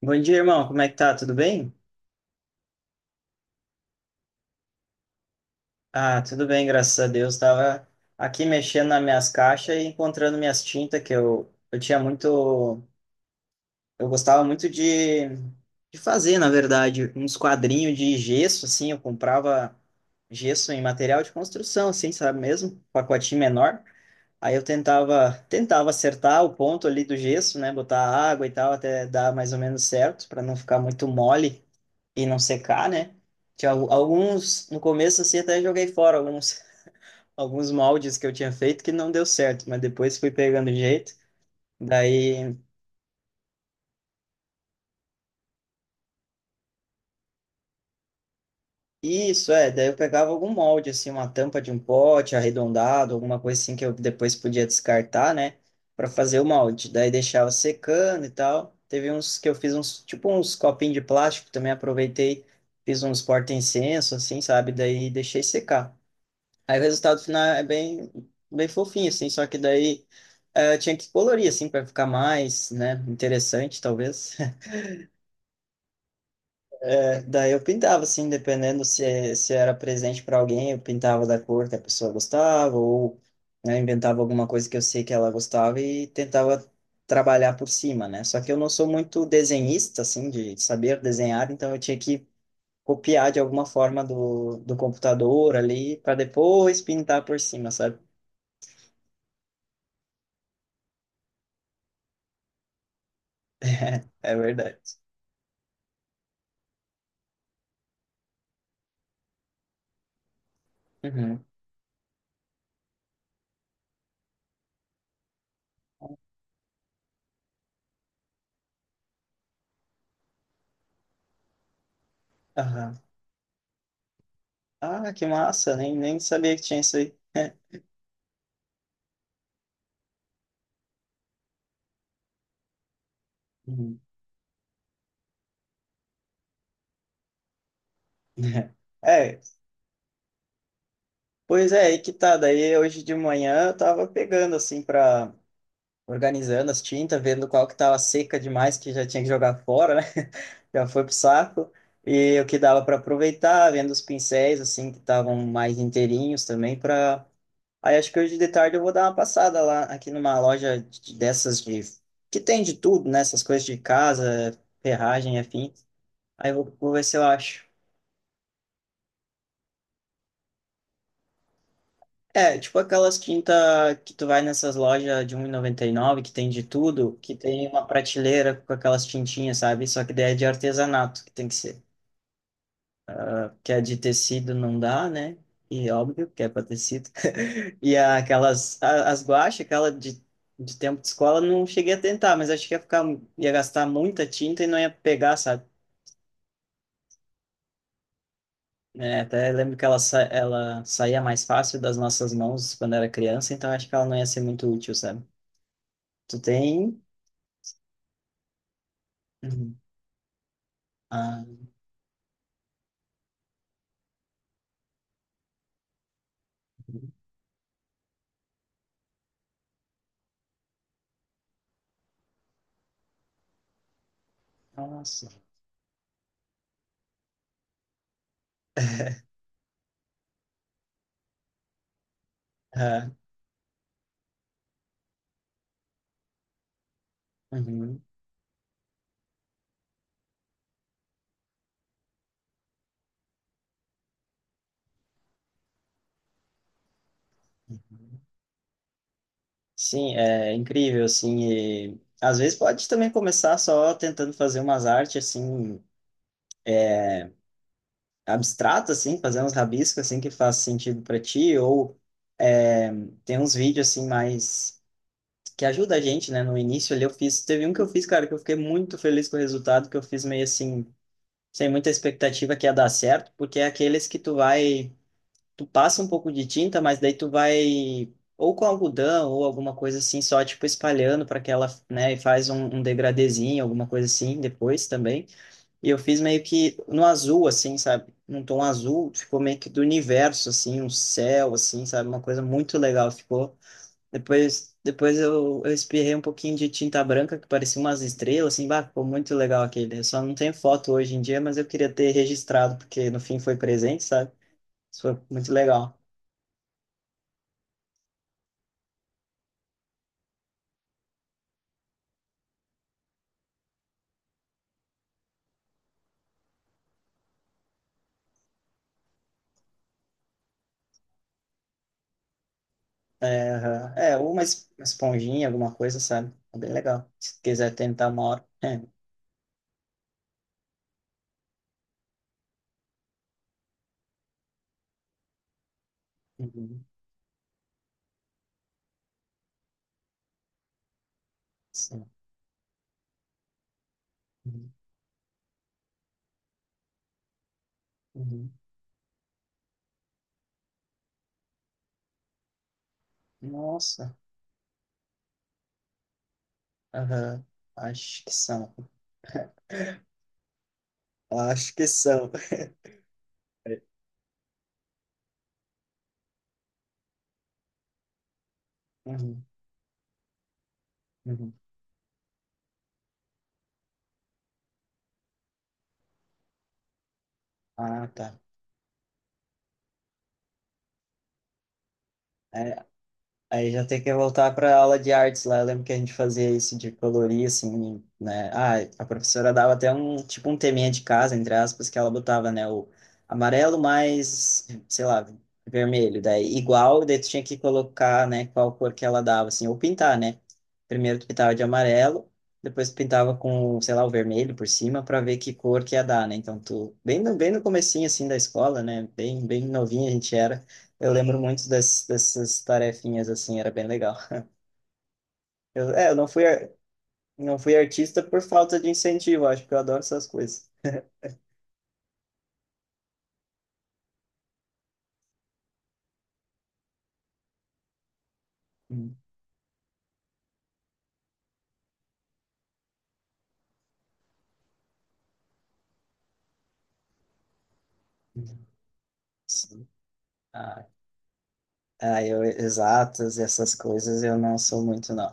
Bom dia, irmão. Como é que tá? Tudo bem? Ah, tudo bem, graças a Deus. Tava aqui mexendo nas minhas caixas e encontrando minhas tintas que eu tinha muito, eu gostava muito de fazer, na verdade, uns quadrinhos de gesso, assim, eu comprava gesso em material de construção, assim, sabe mesmo? Pacotinho menor. Aí eu tentava acertar o ponto ali do gesso, né? Botar água e tal, até dar mais ou menos certo, para não ficar muito mole e não secar, né? Tinha alguns, no começo assim, até joguei fora alguns, alguns moldes que eu tinha feito que não deu certo, mas depois fui pegando jeito. Daí, isso é, daí eu pegava algum molde, assim, uma tampa de um pote arredondado, alguma coisa assim que eu depois podia descartar, né, para fazer o molde. Daí deixava secando e tal. Teve uns que eu fiz uns, tipo uns copinhos de plástico, também aproveitei, fiz uns porta-incenso, assim, sabe? Daí deixei secar. Aí o resultado final é bem, bem fofinho, assim, só que daí eu tinha que colorir, assim, para ficar mais, né, interessante, talvez. Daí eu pintava, assim, dependendo se era presente para alguém, eu pintava da cor que a pessoa gostava, ou né, inventava alguma coisa que eu sei que ela gostava e tentava trabalhar por cima, né? Só que eu não sou muito desenhista, assim, de saber desenhar, então eu tinha que copiar de alguma forma do computador ali, para depois pintar por cima, sabe? É verdade. Uhum. Aham. Ah, que massa, nem sabia que tinha isso aí. Uhum. É, pois é, aí que tá. Daí hoje de manhã eu tava pegando assim pra organizando as tintas, vendo qual que tava seca demais que já tinha que jogar fora, né? Já foi pro saco. E o que dava para aproveitar, vendo os pincéis assim que estavam mais inteirinhos também para aí acho que hoje de tarde eu vou dar uma passada lá aqui numa loja dessas de que tem de tudo, né? Essas coisas de casa, ferragem, afim. Aí eu vou ver se eu acho. É, tipo aquelas quinta que tu vai nessas lojas de um e noventa e nove que tem de tudo, que tem uma prateleira com aquelas tintinhas, sabe? Só que daí é de artesanato que tem que ser. Que é de tecido não dá, né? E óbvio que é para tecido. E aquelas, as guache, aquela de tempo de escola, não cheguei a tentar, mas acho que ia ficar, ia gastar muita tinta e não ia pegar, sabe? É, até lembro que ela, ela saía mais fácil das nossas mãos quando era criança, então acho que ela não ia ser muito útil, sabe? Tu tem? Uhum. Ah, nossa. Ah, uhum. Sim, é incrível, assim, e às vezes pode também começar só tentando fazer umas artes, assim, abstratas, assim, fazer uns rabiscos, assim, que faz sentido para ti, ou é, tem uns vídeos, assim, mais, que ajuda a gente, né, no início ali eu fiz, teve um que eu fiz, cara, que eu fiquei muito feliz com o resultado, que eu fiz meio assim, sem muita expectativa que ia dar certo, porque é aqueles que tu vai tu passa um pouco de tinta, mas daí tu vai ou com algodão ou alguma coisa assim, só tipo espalhando para que ela, né, e faz um, um degradezinho, alguma coisa assim depois também. E eu fiz meio que no azul, assim, sabe? Num tom azul, ficou meio que do universo, assim, um céu, assim, sabe? Uma coisa muito legal ficou. Depois eu espirrei um pouquinho de tinta branca, que parecia umas estrelas, assim, bah, ficou muito legal aquele. Eu só não tenho foto hoje em dia, mas eu queria ter registrado, porque no fim foi presente, sabe? Isso foi muito legal. É, aham. é uma, uma esponjinha, alguma coisa, sabe? É bem legal. Se quiser tentar uma hora. É. Uhum. Sim. Uhum. Uhum. Nossa. Aham. Acho que são. Acho que são. Uhum. Uhum. Ah, tá. É. Aí já tem que voltar para aula de artes lá. Eu lembro que a gente fazia isso de colorir, assim, né? Ah, a professora dava até um, tipo, um teminha de casa, entre aspas, que ela botava, né? O amarelo mais, sei lá, vermelho. Daí igual, daí tu tinha que colocar, né? Qual cor que ela dava, assim, ou pintar, né? Primeiro tu pintava de amarelo, depois tu pintava com, sei lá, o vermelho por cima para ver que cor que ia dar, né? Então tu, bem no comecinho, assim, da escola, né? Bem novinho a gente era. Eu lembro muito dessas tarefinhas, assim, era bem legal. Eu não fui, não fui artista por falta de incentivo, acho que eu adoro essas coisas. Hum, Sim. Ah, eu, exatas, essas coisas eu não sou muito, não.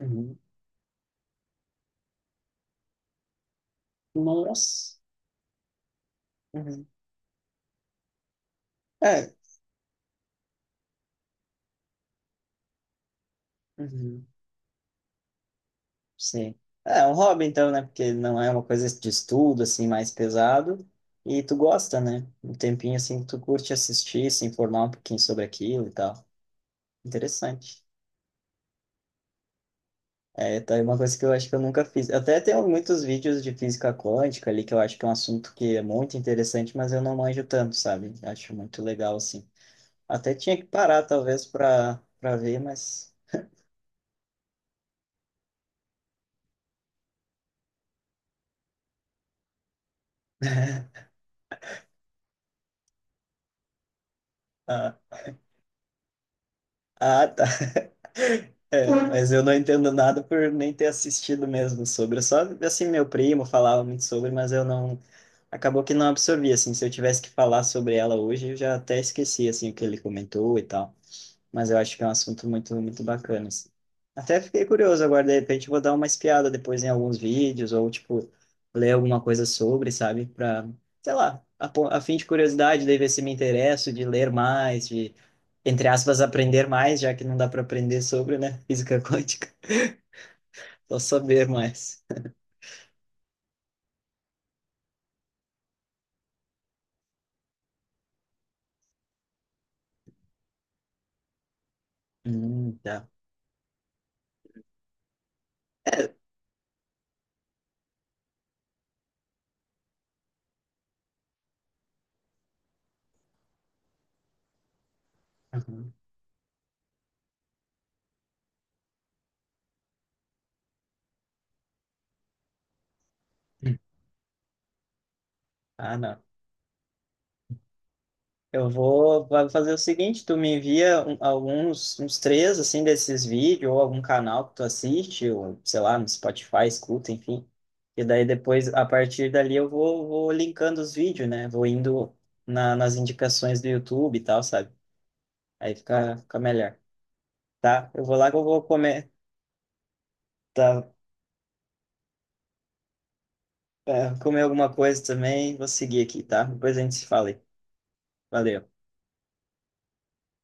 Uhum. Nossa. Uhum. É. Uhum. Sim. É é um hobby, então, né? Porque não é uma coisa de estudo, assim, mais pesado. E tu gosta, né? Um tempinho, assim, que tu curte assistir, se informar um pouquinho sobre aquilo e tal. Interessante. É, tá aí uma coisa que eu acho que eu nunca fiz. Até tenho muitos vídeos de física quântica ali, que eu acho que é um assunto que é muito interessante, mas eu não manjo tanto, sabe? Acho muito legal, assim. Até tinha que parar, talvez, para ver, mas. Ah, ah, tá. É, mas eu não entendo nada por nem ter assistido mesmo sobre. Só, assim, meu primo falava muito sobre, mas eu não. Acabou que não absorvi, assim. Se eu tivesse que falar sobre ela hoje, eu já até esqueci, assim, o que ele comentou e tal. Mas eu acho que é um assunto muito bacana, assim. Até fiquei curioso agora, de repente eu vou dar uma espiada depois em alguns vídeos, ou, tipo, ler alguma coisa sobre, sabe? Pra, sei lá, a fim de curiosidade, daí ver se me interesso, de ler mais, de, entre aspas, aprender mais, já que não dá para aprender sobre, né? Física quântica, só saber mais. Tá. Uhum. Ah, não. Eu vou vai fazer o seguinte, tu me envia alguns, uns três, assim, desses vídeos, ou algum canal que tu assiste, ou, sei lá, no Spotify, escuta, enfim. E daí depois, a partir dali, eu vou linkando os vídeos, né? Vou indo nas indicações do YouTube e tal, sabe? Aí fica melhor, tá? Eu vou lá que eu vou comer, tá? É, comer alguma coisa também, vou seguir aqui, tá? Depois a gente se fala aí. Valeu.